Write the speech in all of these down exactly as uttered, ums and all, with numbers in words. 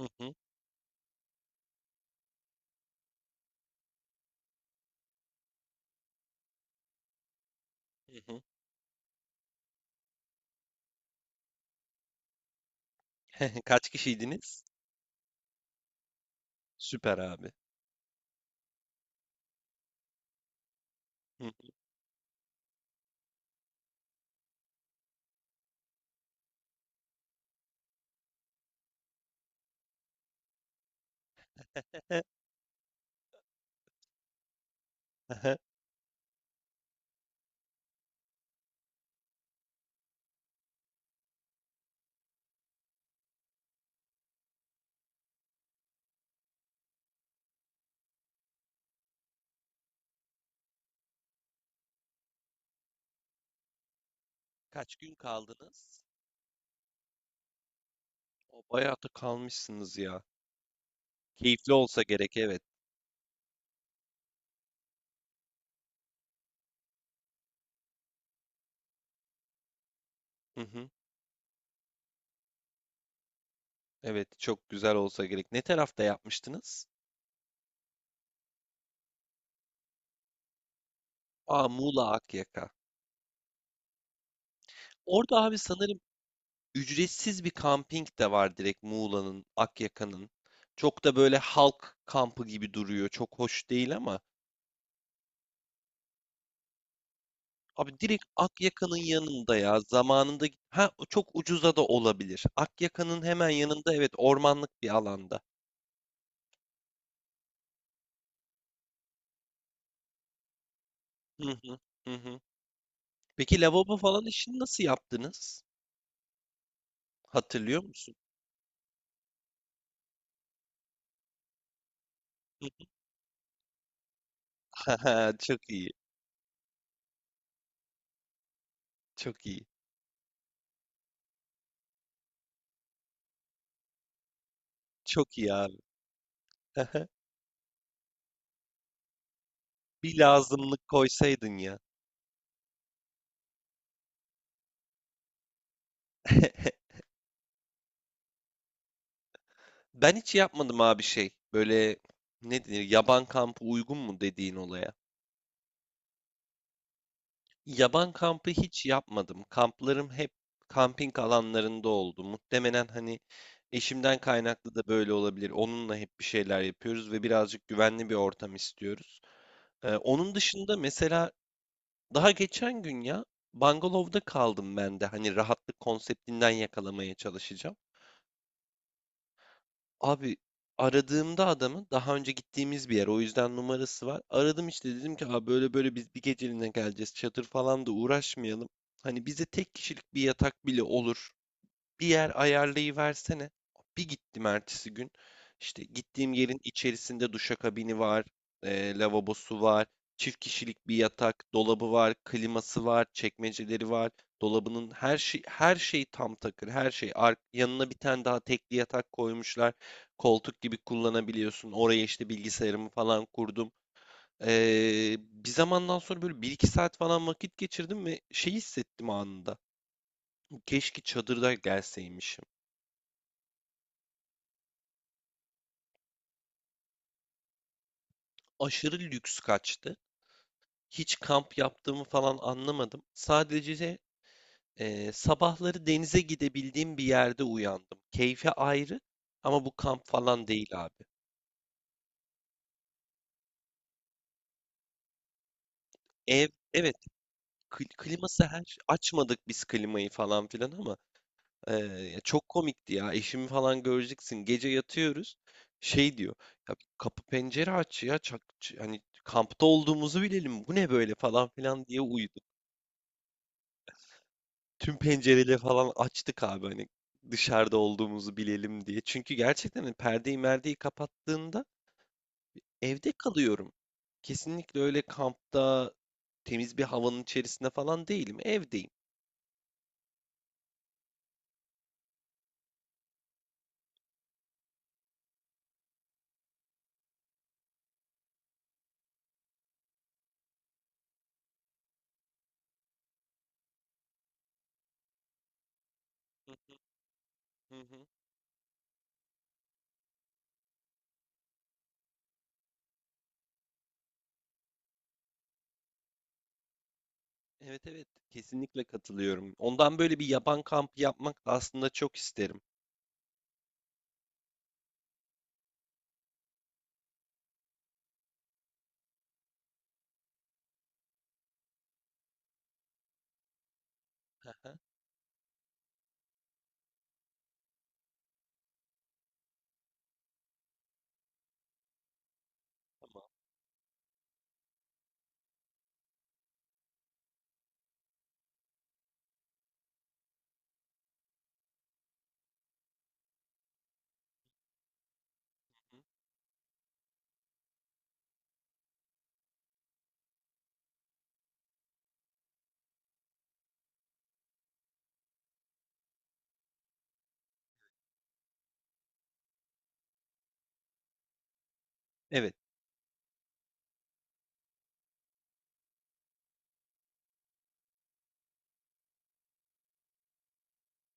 Hı hı. Hı hı. Kaç kişiydiniz? Süper abi. Hı Kaç gün kaldınız? O bayağı da kalmışsınız ya. Keyifli olsa gerek, evet. Hı hı. Evet, çok güzel olsa gerek. Ne tarafta yapmıştınız? Aa, Muğla Akyaka. Orada abi, sanırım ücretsiz bir kamping de var direkt Muğla'nın, Akyaka'nın. Çok da böyle halk kampı gibi duruyor. Çok hoş değil ama. Abi, direkt Akyaka'nın yanında ya, zamanında git ha, çok ucuza da olabilir. Akyaka'nın hemen yanında, evet, ormanlık bir alanda. Hı hı, hı hı. Peki lavabo falan işini nasıl yaptınız? Hatırlıyor musun? Haha, çok iyi. Çok iyi. Çok iyi abi. Bir lazımlık koysaydın ya. Ben hiç yapmadım abi şey. Böyle ne denir? Yaban kampı uygun mu dediğin olaya? Yaban kampı hiç yapmadım. Kamplarım hep kamping alanlarında oldu. Muhtemelen hani eşimden kaynaklı da böyle olabilir. Onunla hep bir şeyler yapıyoruz ve birazcık güvenli bir ortam istiyoruz. Ee, onun dışında mesela daha geçen gün ya, bungalovda kaldım ben de. Hani rahatlık konseptinden yakalamaya çalışacağım. Abi, aradığımda adamın daha önce gittiğimiz bir yer, o yüzden numarası var. Aradım işte, dedim ki abi böyle böyle biz bir geceliğine geleceğiz, çadır falan da uğraşmayalım. Hani bize tek kişilik bir yatak bile olur. Bir yer ayarlayıversene. Bir gittim ertesi gün. İşte gittiğim yerin içerisinde duşakabini var, e, lavabosu var, çift kişilik bir yatak, dolabı var, kliması var, çekmeceleri var. Dolabının her şey, her şey tam takır, her şey. Ar- yanına bir tane daha tekli yatak koymuşlar. Koltuk gibi kullanabiliyorsun. Oraya işte bilgisayarımı falan kurdum. Ee, bir zamandan sonra böyle bir iki saat falan vakit geçirdim ve şey hissettim anında. Keşke çadırda gelseymişim. Aşırı lüks kaçtı. Hiç kamp yaptığımı falan anlamadım. Sadece eee, sabahları denize gidebildiğim bir yerde uyandım. Keyfi ayrı ama bu kamp falan değil abi. Ev, evet, kli- kliması, her şey- açmadık biz klimayı falan filan ama eee, çok komikti ya. Eşimi falan göreceksin. Gece yatıyoruz. Şey diyor. Ya kapı pencere aç ya. Çak, ç- hani kampta olduğumuzu bilelim. Bu ne böyle falan filan diye uyudu. Tüm pencereleri falan açtık abi, hani dışarıda olduğumuzu bilelim diye. Çünkü gerçekten hani perdeyi merdeyi kapattığında evde kalıyorum. Kesinlikle öyle kampta temiz bir havanın içerisinde falan değilim. Evdeyim. Hı hı, hı hı. Evet, evet, kesinlikle katılıyorum. Ondan böyle bir yaban kampı yapmak da aslında çok isterim. Hı hı. Tamam. Hı, hı. Evet.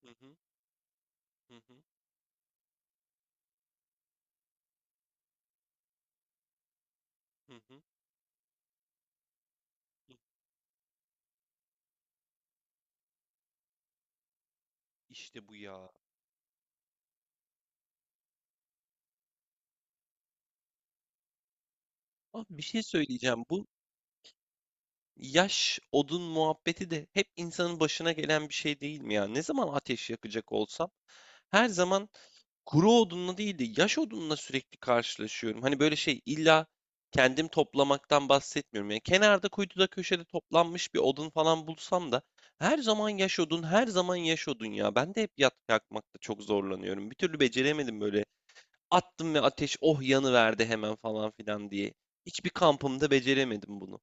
Hı hı, hı hı, hı hı, hı. İşte bu ya. Abi, bir şey söyleyeceğim. Yaş odun muhabbeti de hep insanın başına gelen bir şey değil mi ya? Ne zaman ateş yakacak olsam her zaman kuru odunla değil de yaş odunla sürekli karşılaşıyorum. Hani böyle şey, illa kendim toplamaktan bahsetmiyorum. Yani kenarda, kuytuda, köşede toplanmış bir odun falan bulsam da her zaman yaş odun, her zaman yaş odun ya. Ben de hep yat yakmakta çok zorlanıyorum. Bir türlü beceremedim böyle. Attım ve ateş oh yanıverdi hemen falan filan diye. Hiçbir kampımda beceremedim bunu.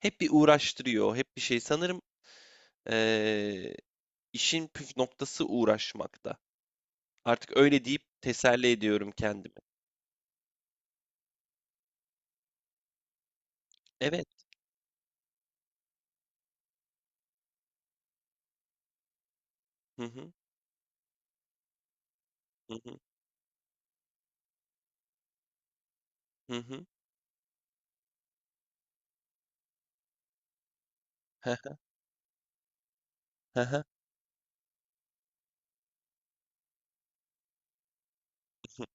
Hep bir uğraştırıyor, hep bir şey. Sanırım eee, işin püf noktası uğraşmakta. Artık öyle deyip teselli ediyorum kendimi. Evet. Hı hı, hı hı, hı hı, hı hı, hı hı.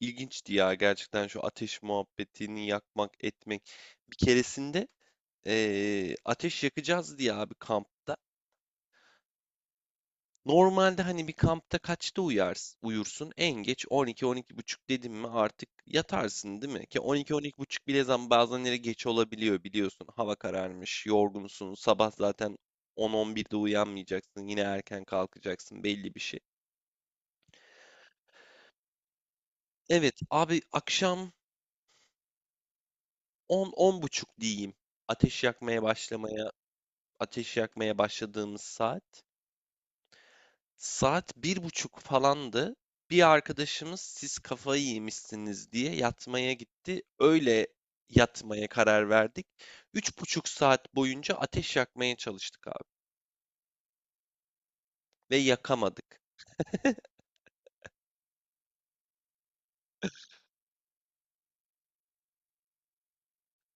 İlginçti ya gerçekten şu ateş muhabbetini yakmak etmek. Bir keresinde eee, ateş yakacağız diye abi kampta. Normalde hani bir kampta kaçta uyars uyursun? En geç on iki buçuk dedim mi artık yatarsın değil mi? Ki on iki buçuk bile zaman bazenleri geç olabiliyor biliyorsun. Hava kararmış, yorgunsun, sabah zaten on on birde uyanmayacaksın, yine erken kalkacaksın belli bir şey. Evet abi, akşam on buçuk diyeyim. Ateş yakmaya başlamaya, ateş yakmaya başladığımız saat. Saat bir buçuk falandı. Bir arkadaşımız siz kafayı yemişsiniz diye yatmaya gitti. Öyle yatmaya karar verdik. Üç buçuk saat boyunca ateş yakmaya çalıştık abi. Ve yakamadık.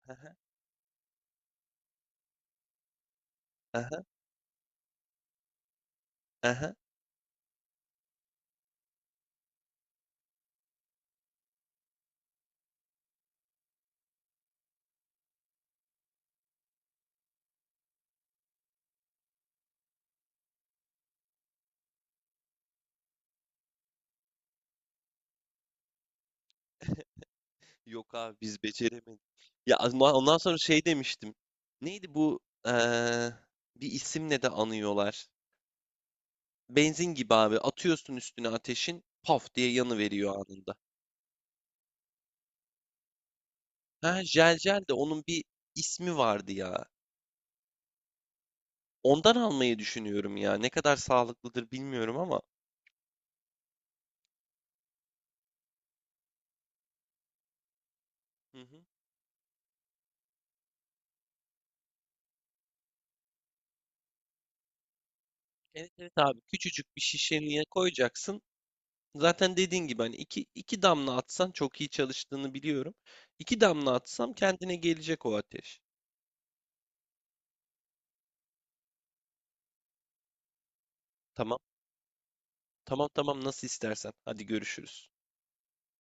Aha, aha, aha. Yok abi, biz beceremedik. Ya ondan ondan sonra şey demiştim. Neydi bu? eee, Bir isimle de anıyorlar. Benzin gibi abi. Atıyorsun üstüne ateşin. Paf diye yanıveriyor anında. Ha jel, jel de onun bir ismi vardı ya. Ondan almayı düşünüyorum ya. Ne kadar sağlıklıdır bilmiyorum ama. Hı hı. Evet, evet abi, küçücük bir şişeye koyacaksın. Zaten dediğin gibi hani iki, iki damla atsan çok iyi çalıştığını biliyorum. İki damla atsam kendine gelecek o ateş. Tamam. Tamam, tamam, nasıl istersen. Hadi görüşürüz.